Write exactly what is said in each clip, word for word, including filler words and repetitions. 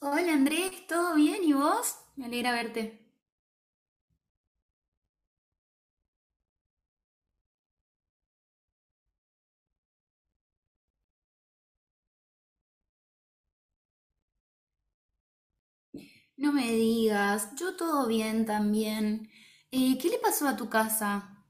Hola Andrés, ¿todo bien? ¿Y vos? Me alegra verte. No me digas, yo todo bien también. Eh, ¿qué le pasó a tu casa?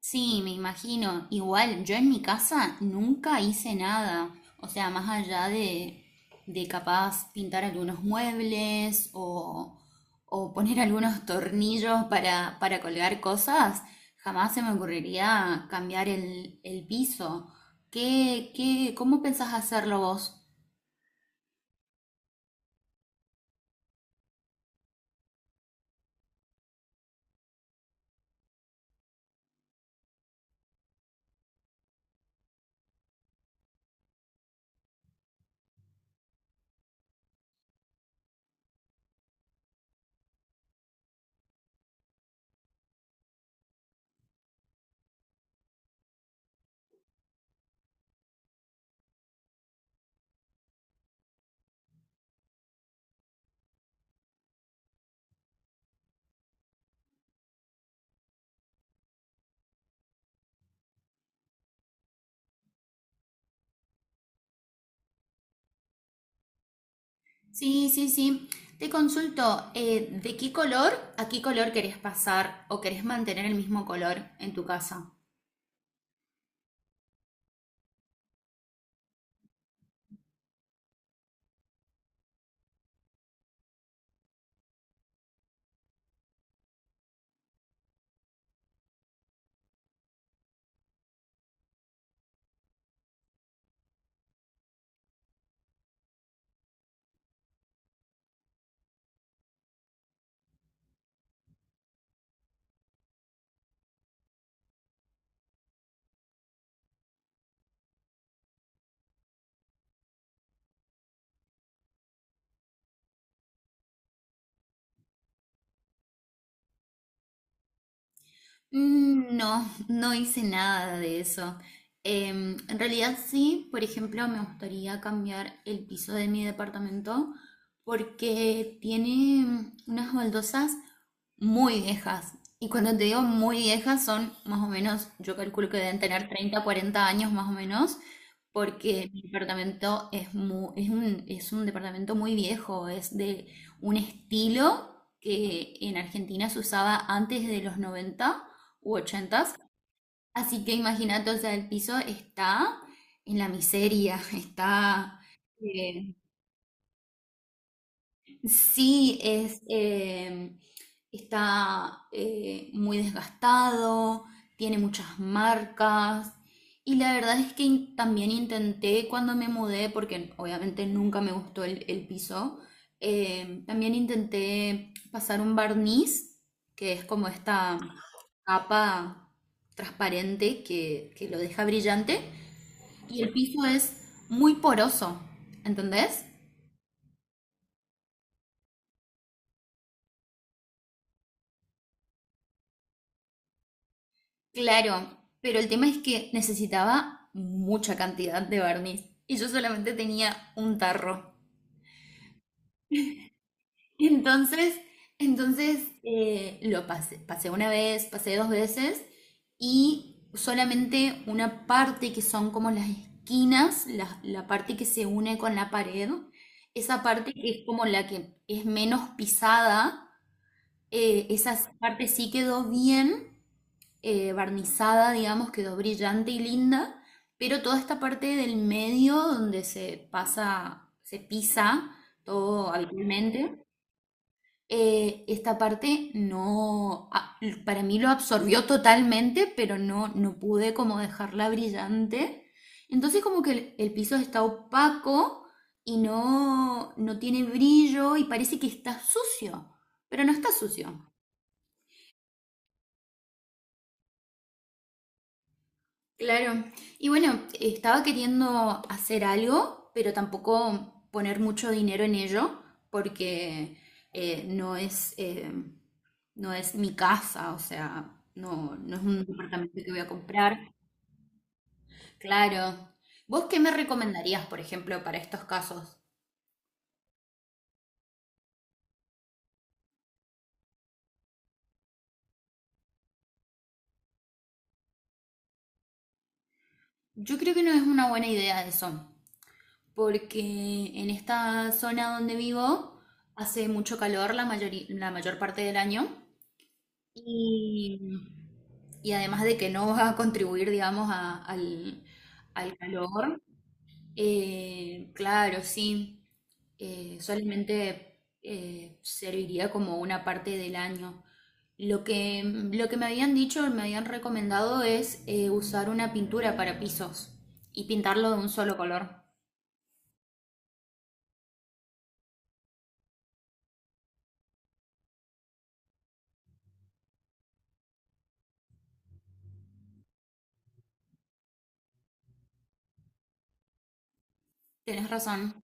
Sí, me imagino. Igual, yo en mi casa nunca hice nada. O sea, más allá de, de capaz pintar algunos muebles o, o poner algunos tornillos para, para colgar cosas, jamás se me ocurriría cambiar el, el piso. ¿Qué, qué, cómo pensás hacerlo vos? Sí, sí, sí. Te consulto, eh, ¿de qué color a qué color querés pasar o querés mantener el mismo color en tu casa? Mm. No, no hice nada de eso. Em, en realidad sí, por ejemplo, me gustaría cambiar el piso de mi departamento porque tiene unas baldosas muy viejas. Y cuando te digo muy viejas son más o menos, yo calculo que deben tener treinta, cuarenta años más o menos, porque mi departamento es, mu- es un, es un departamento muy viejo, es de un estilo que en Argentina se usaba antes de los noventa u ochentas. Así que imagínate, o sea, el piso está en la miseria. está, eh, sí, es, eh, está eh, muy desgastado, tiene muchas marcas. Y la verdad es que in- también intenté cuando me mudé, porque obviamente nunca me gustó el, el piso, eh, también intenté pasar un barniz, que es como esta capa transparente que, que lo deja brillante y el piso es muy poroso, ¿entendés? Claro, pero el tema es que necesitaba mucha cantidad de barniz y yo solamente tenía un tarro. Entonces, entonces eh, lo pasé, pasé una vez, pasé dos veces y solamente una parte que son como las esquinas, la, la parte que se une con la pared, esa parte que es como la que es menos pisada, eh, esa parte sí quedó bien eh, barnizada, digamos, quedó brillante y linda, pero toda esta parte del medio donde se pasa, se pisa todo habitualmente, eh, esta parte no, a- para mí lo absorbió totalmente, pero no, no pude como dejarla brillante. Entonces como que el, el piso está opaco y no, no tiene brillo y parece que está sucio, pero no está sucio. Claro. Y bueno, estaba queriendo hacer algo, pero tampoco poner mucho dinero en ello, porque eh, no es... eh, no es mi casa, o sea, no, no es un departamento que voy a comprar. Claro. ¿Vos qué me recomendarías, por ejemplo, para estos casos? Yo creo que no es una buena idea eso, porque en esta zona donde vivo hace mucho calor la mayori- la mayor parte del año y, y además de que no va a contribuir, digamos, a- al, al calor. Eh, claro, sí. Eh, solamente eh, serviría como una parte del año. Lo que, lo que me habían dicho, me habían recomendado es eh, usar una pintura para pisos y pintarlo de un solo color. Tienes razón.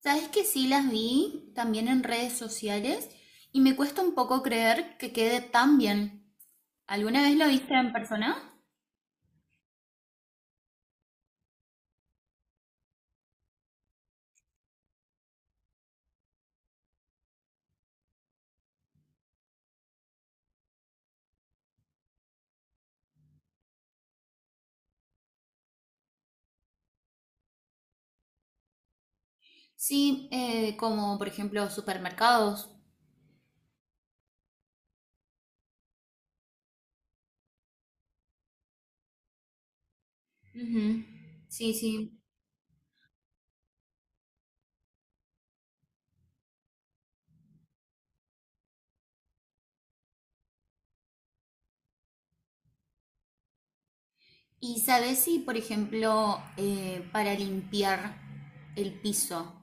Sabes que sí las vi también en redes sociales y me cuesta un poco creer que quede tan bien. ¿Alguna vez lo viste en persona? Sí, eh, como por ejemplo supermercados. Ujú. Sí, sí. ¿Y sabes si, por ejemplo, eh, para limpiar el piso,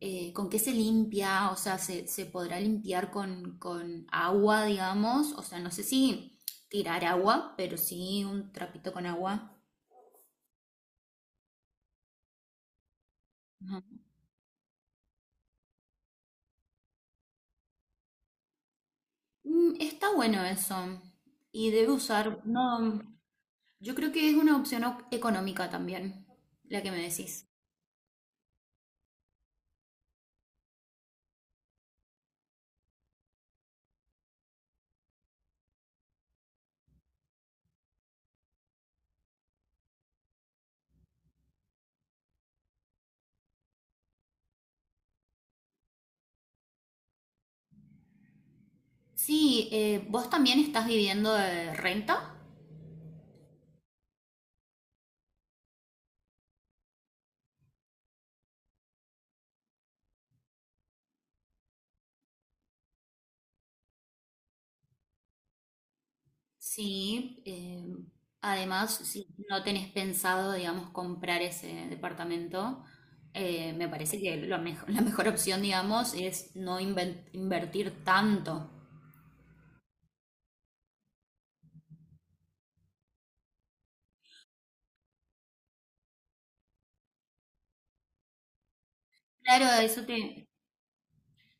eh, con qué se limpia? O sea, ¿se, se podrá limpiar con, con agua, digamos? O sea, no sé si tirar agua, pero sí un trapito con agua. Ajá. Mm, está bueno eso. Y debe usar, no, yo creo que es una opción o- económica también, la que me decís. Sí, eh, ¿vos también estás viviendo de renta? Sí, eh, además, si no tenés pensado, digamos, comprar ese departamento, eh, me parece que lo mejo- la mejor opción, digamos, es no inven- invertir tanto. Claro, eso te,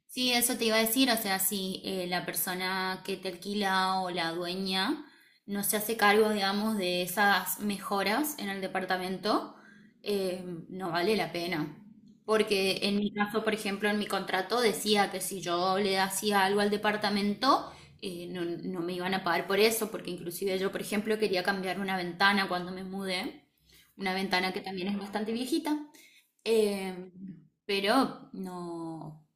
Sí, eso te iba a decir, o sea, si eh, la persona que te alquila o la dueña no se hace cargo, digamos, de esas mejoras en el departamento, eh, no vale la pena. Porque en mi caso, por ejemplo, en mi contrato decía que si yo le hacía algo al departamento, eh, no, no me iban a pagar por eso, porque inclusive yo, por ejemplo, quería cambiar una ventana cuando me mudé, una ventana que también es bastante viejita. Eh, pero no,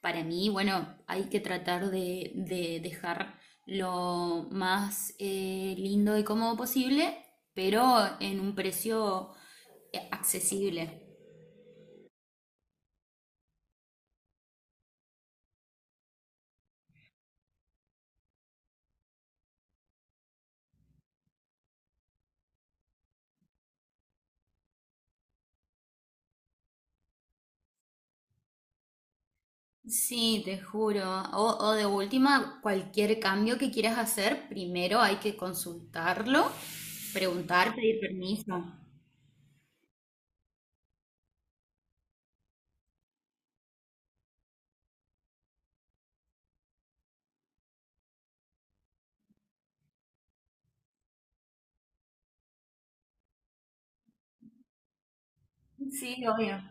para mí, bueno, hay que tratar de, de dejar lo más eh, lindo y cómodo posible, pero en un precio eh, accesible. Sí, te juro. O, o de última, cualquier cambio que quieras hacer, primero hay que consultarlo, preguntar, pedir permiso. Sí, obvio.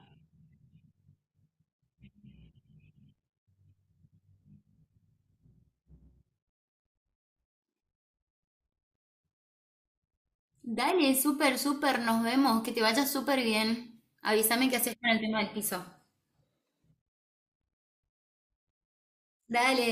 Dale, súper, súper, nos vemos. Que te vaya súper bien. Avísame qué haces con el tema del piso. Dale.